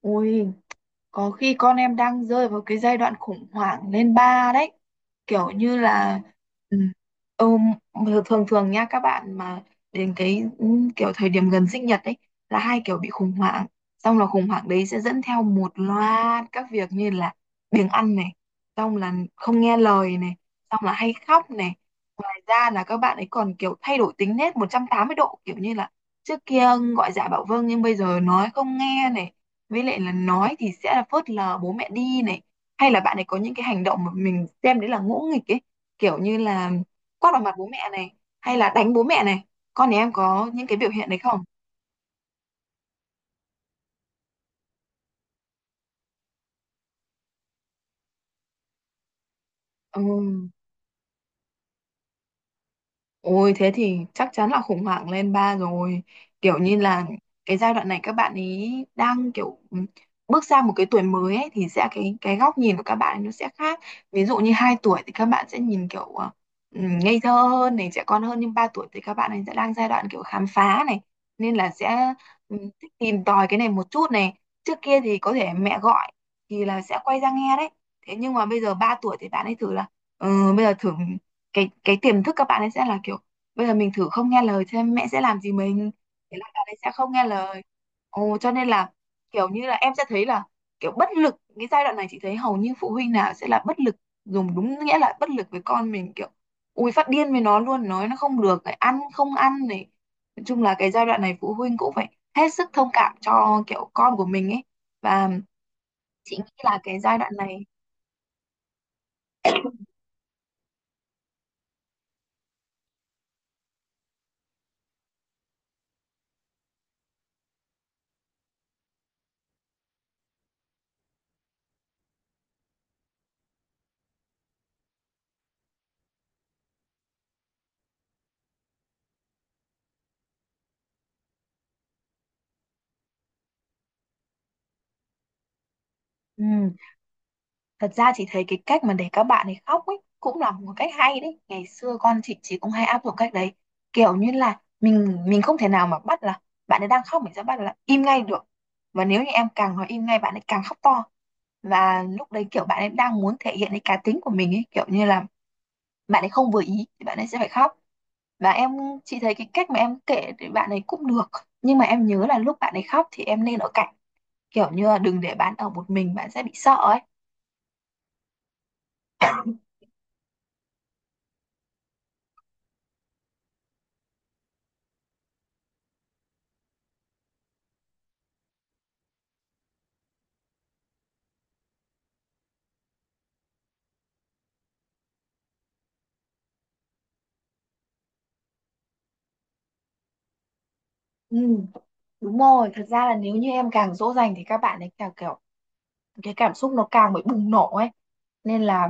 Ui, có khi con em đang rơi vào cái giai đoạn khủng hoảng lên ba đấy. Kiểu như là ừ, thường thường nha các bạn mà đến kiểu thời điểm gần sinh nhật ấy là hai kiểu bị khủng hoảng. Xong là khủng hoảng đấy sẽ dẫn theo một loạt các việc như là biếng ăn này, xong là không nghe lời này, xong là hay khóc này, ra là các bạn ấy còn kiểu thay đổi tính nết 180 độ, kiểu như là trước kia gọi dạ bảo vâng nhưng bây giờ nói không nghe này, với lại là nói thì sẽ là phớt lờ bố mẹ đi này, hay là bạn ấy có những cái hành động mà mình xem đấy là ngỗ nghịch ấy, kiểu như là quát vào mặt bố mẹ này, hay là đánh bố mẹ này, con nhà em có những cái biểu hiện đấy không? Ừ. Ôi thế thì chắc chắn là khủng hoảng lên ba rồi. Kiểu như là cái giai đoạn này các bạn ấy đang kiểu bước sang một cái tuổi mới ấy, thì sẽ cái góc nhìn của các bạn ấy nó sẽ khác. Ví dụ như 2 tuổi thì các bạn sẽ nhìn kiểu ngây thơ hơn này, trẻ con hơn, nhưng 3 tuổi thì các bạn ấy sẽ đang giai đoạn kiểu khám phá này, nên là sẽ ừ, thích tìm tòi cái này một chút này. Trước kia thì có thể mẹ gọi thì là sẽ quay ra nghe đấy. Thế nhưng mà bây giờ 3 tuổi thì bạn ấy thử là bây giờ thử cái tiềm thức các bạn ấy sẽ là kiểu bây giờ mình thử không nghe lời xem mẹ sẽ làm gì mình, thế là bạn ấy sẽ không nghe lời. Ồ cho nên là kiểu như là em sẽ thấy là kiểu bất lực, cái giai đoạn này chị thấy hầu như phụ huynh nào sẽ là bất lực, dùng đúng nghĩa là bất lực với con mình, kiểu ui phát điên với nó luôn, nói nó không được này, ăn không ăn này, nói chung là cái giai đoạn này phụ huynh cũng phải hết sức thông cảm cho kiểu con của mình ấy. Và chị nghĩ là cái giai đoạn này ừ, thật ra chị thấy cái cách mà để các bạn ấy khóc ấy cũng là một cách hay đấy. Ngày xưa con chị cũng hay áp dụng cách đấy. Kiểu như là mình không thể nào mà bắt là bạn ấy đang khóc mình sẽ bắt là im ngay được. Và nếu như em càng nói im ngay bạn ấy càng khóc to. Và lúc đấy kiểu bạn ấy đang muốn thể hiện cái cá tính của mình ấy, kiểu như là bạn ấy không vừa ý thì bạn ấy sẽ phải khóc. Và chị thấy cái cách mà em kể thì bạn ấy cũng được. Nhưng mà em nhớ là lúc bạn ấy khóc thì em nên ở cạnh, kiểu như là đừng để bạn ở một mình, bạn sẽ bị sợ ấy. Ừ, đúng rồi, thật ra là nếu như em càng dỗ dành thì các bạn ấy càng kiểu cái cảm xúc nó càng bị bùng nổ ấy. Nên là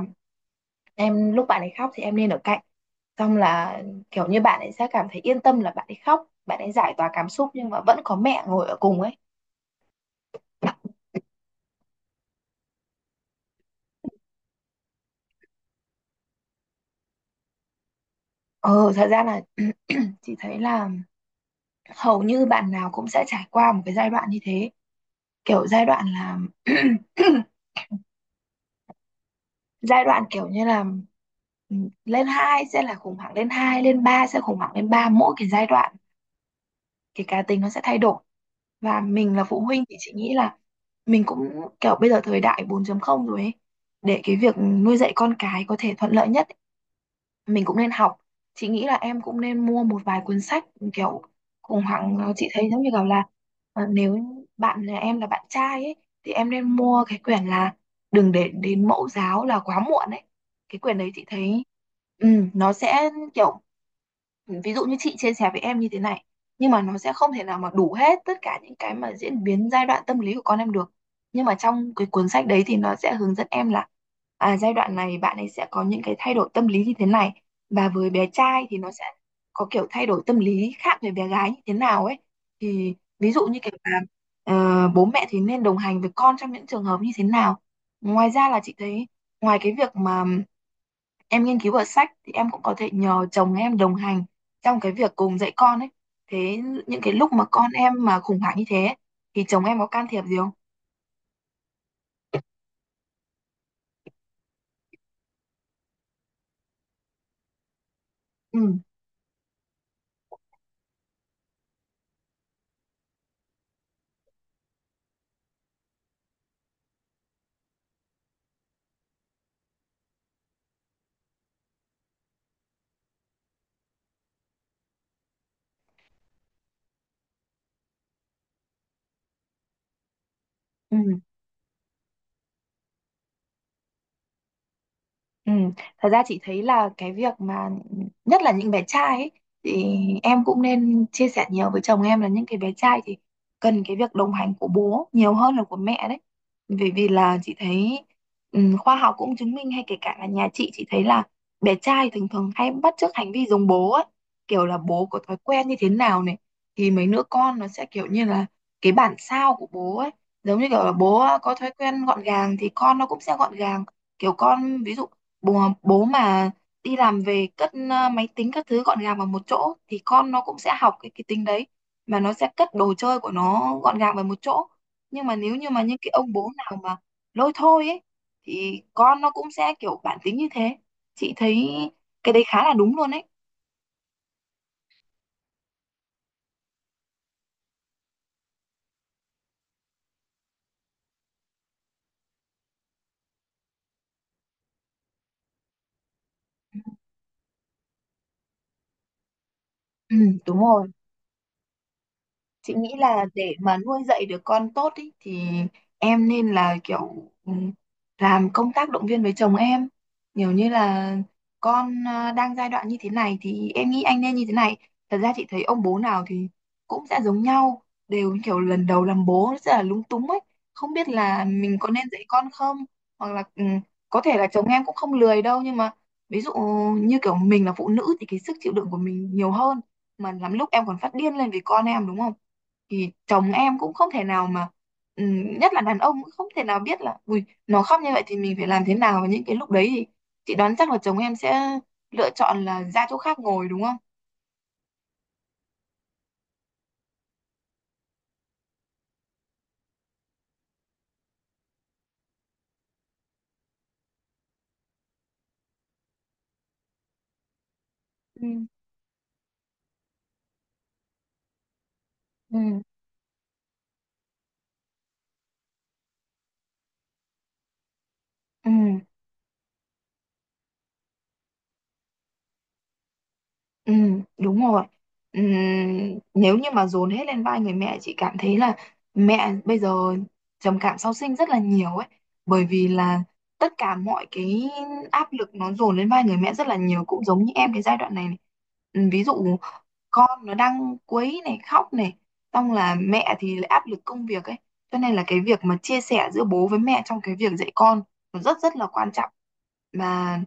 em lúc bạn ấy khóc thì em nên ở cạnh. Xong là kiểu như bạn ấy sẽ cảm thấy yên tâm là bạn ấy khóc, bạn ấy giải tỏa cảm xúc nhưng mà vẫn có mẹ ngồi ở cùng ấy. Ờ, thật ra là chị thấy là hầu như bạn nào cũng sẽ trải qua một cái giai đoạn như thế. Kiểu giai đoạn là giai đoạn kiểu như là ừ, lên 2 sẽ là khủng hoảng lên 2, lên 3 sẽ khủng hoảng lên ba, mỗi cái giai đoạn cái cá tính nó sẽ thay đổi, và mình là phụ huynh thì chị nghĩ là mình cũng kiểu bây giờ thời đại 4.0 rồi ấy, để cái việc nuôi dạy con cái có thể thuận lợi nhất mình cũng nên học. Chị nghĩ là em cũng nên mua một vài cuốn sách kiểu khủng hoảng. Ờ, chị thấy giống như kiểu là nếu bạn là em là bạn trai ấy thì em nên mua cái quyển là đừng để đến mẫu giáo là quá muộn ấy. Cái quyển đấy chị thấy ừ, nó sẽ kiểu ví dụ như chị chia sẻ với em như thế này nhưng mà nó sẽ không thể nào mà đủ hết tất cả những cái mà diễn biến giai đoạn tâm lý của con em được, nhưng mà trong cái cuốn sách đấy thì nó sẽ hướng dẫn em là à, giai đoạn này bạn ấy sẽ có những cái thay đổi tâm lý như thế này, và với bé trai thì nó sẽ có kiểu thay đổi tâm lý khác với bé gái như thế nào ấy, thì ví dụ như kiểu là bố mẹ thì nên đồng hành với con trong những trường hợp như thế nào. Ngoài ra là chị thấy ngoài cái việc mà em nghiên cứu ở sách thì em cũng có thể nhờ chồng em đồng hành trong cái việc cùng dạy con ấy. Thế những cái lúc mà con em mà khủng hoảng như thế ấy, thì chồng em có can thiệp gì không? Ừ, ừ. Ừ, thật ra chị thấy là cái việc mà nhất là những bé trai ấy, thì em cũng nên chia sẻ nhiều với chồng em là những cái bé trai thì cần cái việc đồng hành của bố nhiều hơn là của mẹ đấy. Bởi vì là chị thấy khoa học cũng chứng minh hay kể cả là nhà chị thấy là bé trai thường thường hay bắt chước hành vi giống bố ấy, kiểu là bố có thói quen như thế nào này thì mấy đứa con nó sẽ kiểu như là cái bản sao của bố ấy, giống như kiểu là bố có thói quen gọn gàng thì con nó cũng sẽ gọn gàng. Kiểu con ví dụ bố mà đi làm về cất máy tính các thứ gọn gàng vào một chỗ thì con nó cũng sẽ học cái tính đấy, mà nó sẽ cất đồ chơi của nó gọn gàng vào một chỗ. Nhưng mà nếu như mà những cái ông bố nào mà lôi thôi ấy thì con nó cũng sẽ kiểu bản tính như thế. Chị thấy cái đấy khá là đúng luôn ấy. ừ, Đúng rồi, chị nghĩ là để mà nuôi dạy được con tốt ý, thì em nên là kiểu làm công tác động viên với chồng em nhiều, như là con à, đang giai đoạn như thế này thì em nghĩ anh nên như thế này. Thật ra chị thấy ông bố nào thì cũng sẽ giống nhau, đều kiểu lần đầu làm bố rất là lúng túng ấy, không biết là mình có nên dạy con không, hoặc là có thể là chồng em cũng không lười đâu nhưng mà ví dụ như kiểu mình là phụ nữ thì cái sức chịu đựng của mình nhiều hơn, mà lắm lúc em còn phát điên lên vì con em đúng không, thì chồng em cũng không thể nào mà nhất là đàn ông cũng không thể nào biết là ui nó khóc như vậy thì mình phải làm thế nào, và những cái lúc đấy thì chị đoán chắc là chồng em sẽ lựa chọn là ra chỗ khác ngồi đúng không? Ừ. Ừ, ừ, ừ, đúng rồi. Nếu như mà dồn hết lên vai người mẹ, chị cảm thấy là mẹ bây giờ trầm cảm sau sinh rất là nhiều ấy, bởi vì là tất cả mọi cái áp lực nó dồn lên vai người mẹ rất là nhiều, cũng giống như em cái giai đoạn này. Ví dụ con nó đang quấy này, khóc này, xong là mẹ thì lại áp lực công việc ấy, cho nên là cái việc mà chia sẻ giữa bố với mẹ trong cái việc dạy con nó rất rất là quan trọng. Mà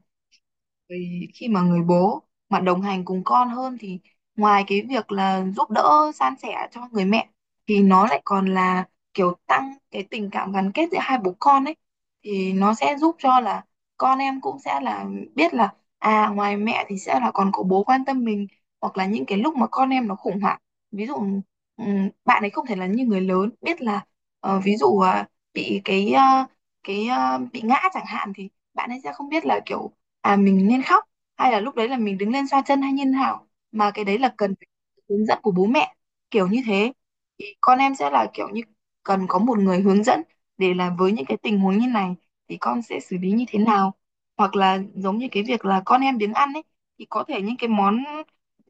vì khi mà người bố mà đồng hành cùng con hơn thì ngoài cái việc là giúp đỡ san sẻ cho người mẹ thì nó lại còn là kiểu tăng cái tình cảm gắn kết giữa hai bố con ấy, thì nó sẽ giúp cho là con em cũng sẽ là biết là à, ngoài mẹ thì sẽ là còn có bố quan tâm mình. Hoặc là những cái lúc mà con em nó khủng hoảng, ví dụ bạn ấy không thể là như người lớn biết là ví dụ à, bị bị ngã chẳng hạn thì bạn ấy sẽ không biết là kiểu à mình nên khóc hay là lúc đấy là mình đứng lên xoa chân hay như thế nào, mà cái đấy là cần phải có sự hướng dẫn của bố mẹ kiểu như thế, thì con em sẽ là kiểu như cần có một người hướng dẫn để là với những cái tình huống như này thì con sẽ xử lý như thế nào. Hoặc là giống như cái việc là con em biếng ăn ấy thì có thể những cái món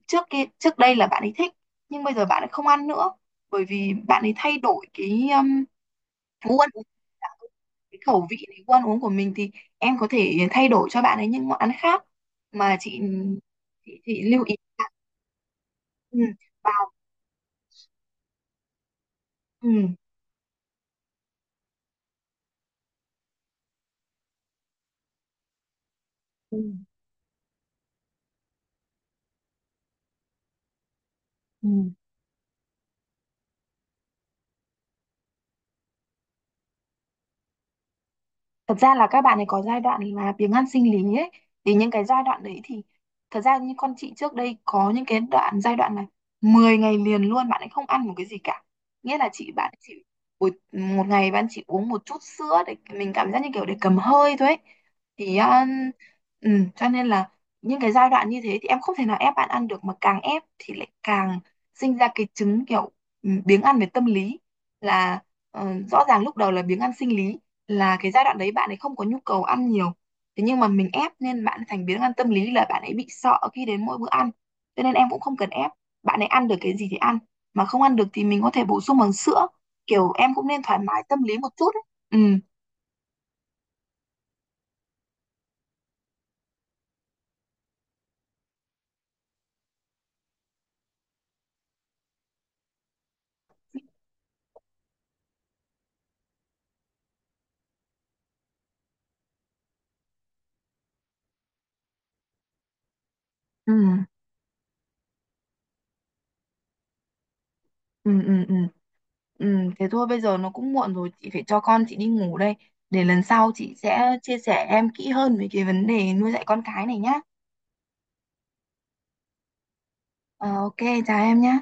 trước kia trước đây là bạn ấy thích nhưng bây giờ bạn ấy không ăn nữa, bởi vì bạn ấy thay đổi cái phú ăn uống, cái khẩu vị, cái gu ăn uống của mình, thì em có thể thay đổi cho bạn ấy những món ăn khác, mà chị, lưu ý là, ừ, vào ừ, ừ. ừ. thật ra là các bạn ấy có giai đoạn là biếng ăn sinh lý ấy, thì những cái giai đoạn đấy thì thật ra như con chị trước đây có những cái giai đoạn là 10 ngày liền luôn bạn ấy không ăn một cái gì cả, nghĩa là chị bạn ấy chỉ buổi một ngày bạn chỉ uống một chút sữa để mình cảm giác như kiểu để cầm hơi thôi ấy. Thì ừ, cho nên là những cái giai đoạn như thế thì em không thể nào ép bạn ăn được, mà càng ép thì lại càng sinh ra cái chứng kiểu biếng ăn về tâm lý, là rõ ràng lúc đầu là biếng ăn sinh lý, là cái giai đoạn đấy bạn ấy không có nhu cầu ăn nhiều, thế nhưng mà mình ép nên bạn ấy thành biến ăn tâm lý, là bạn ấy bị sợ khi đến mỗi bữa ăn, cho nên em cũng không cần ép, bạn ấy ăn được cái gì thì ăn, mà không ăn được thì mình có thể bổ sung bằng sữa, kiểu em cũng nên thoải mái tâm lý một chút ấy. ừ Ừ, ừ, ừ, ừ. ừ. Thế thôi bây giờ nó cũng muộn rồi, chị phải cho con chị đi ngủ đây, để lần sau chị sẽ chia sẻ em kỹ hơn về cái vấn đề nuôi dạy con cái này nhá. Ờ, ok, chào em nhá.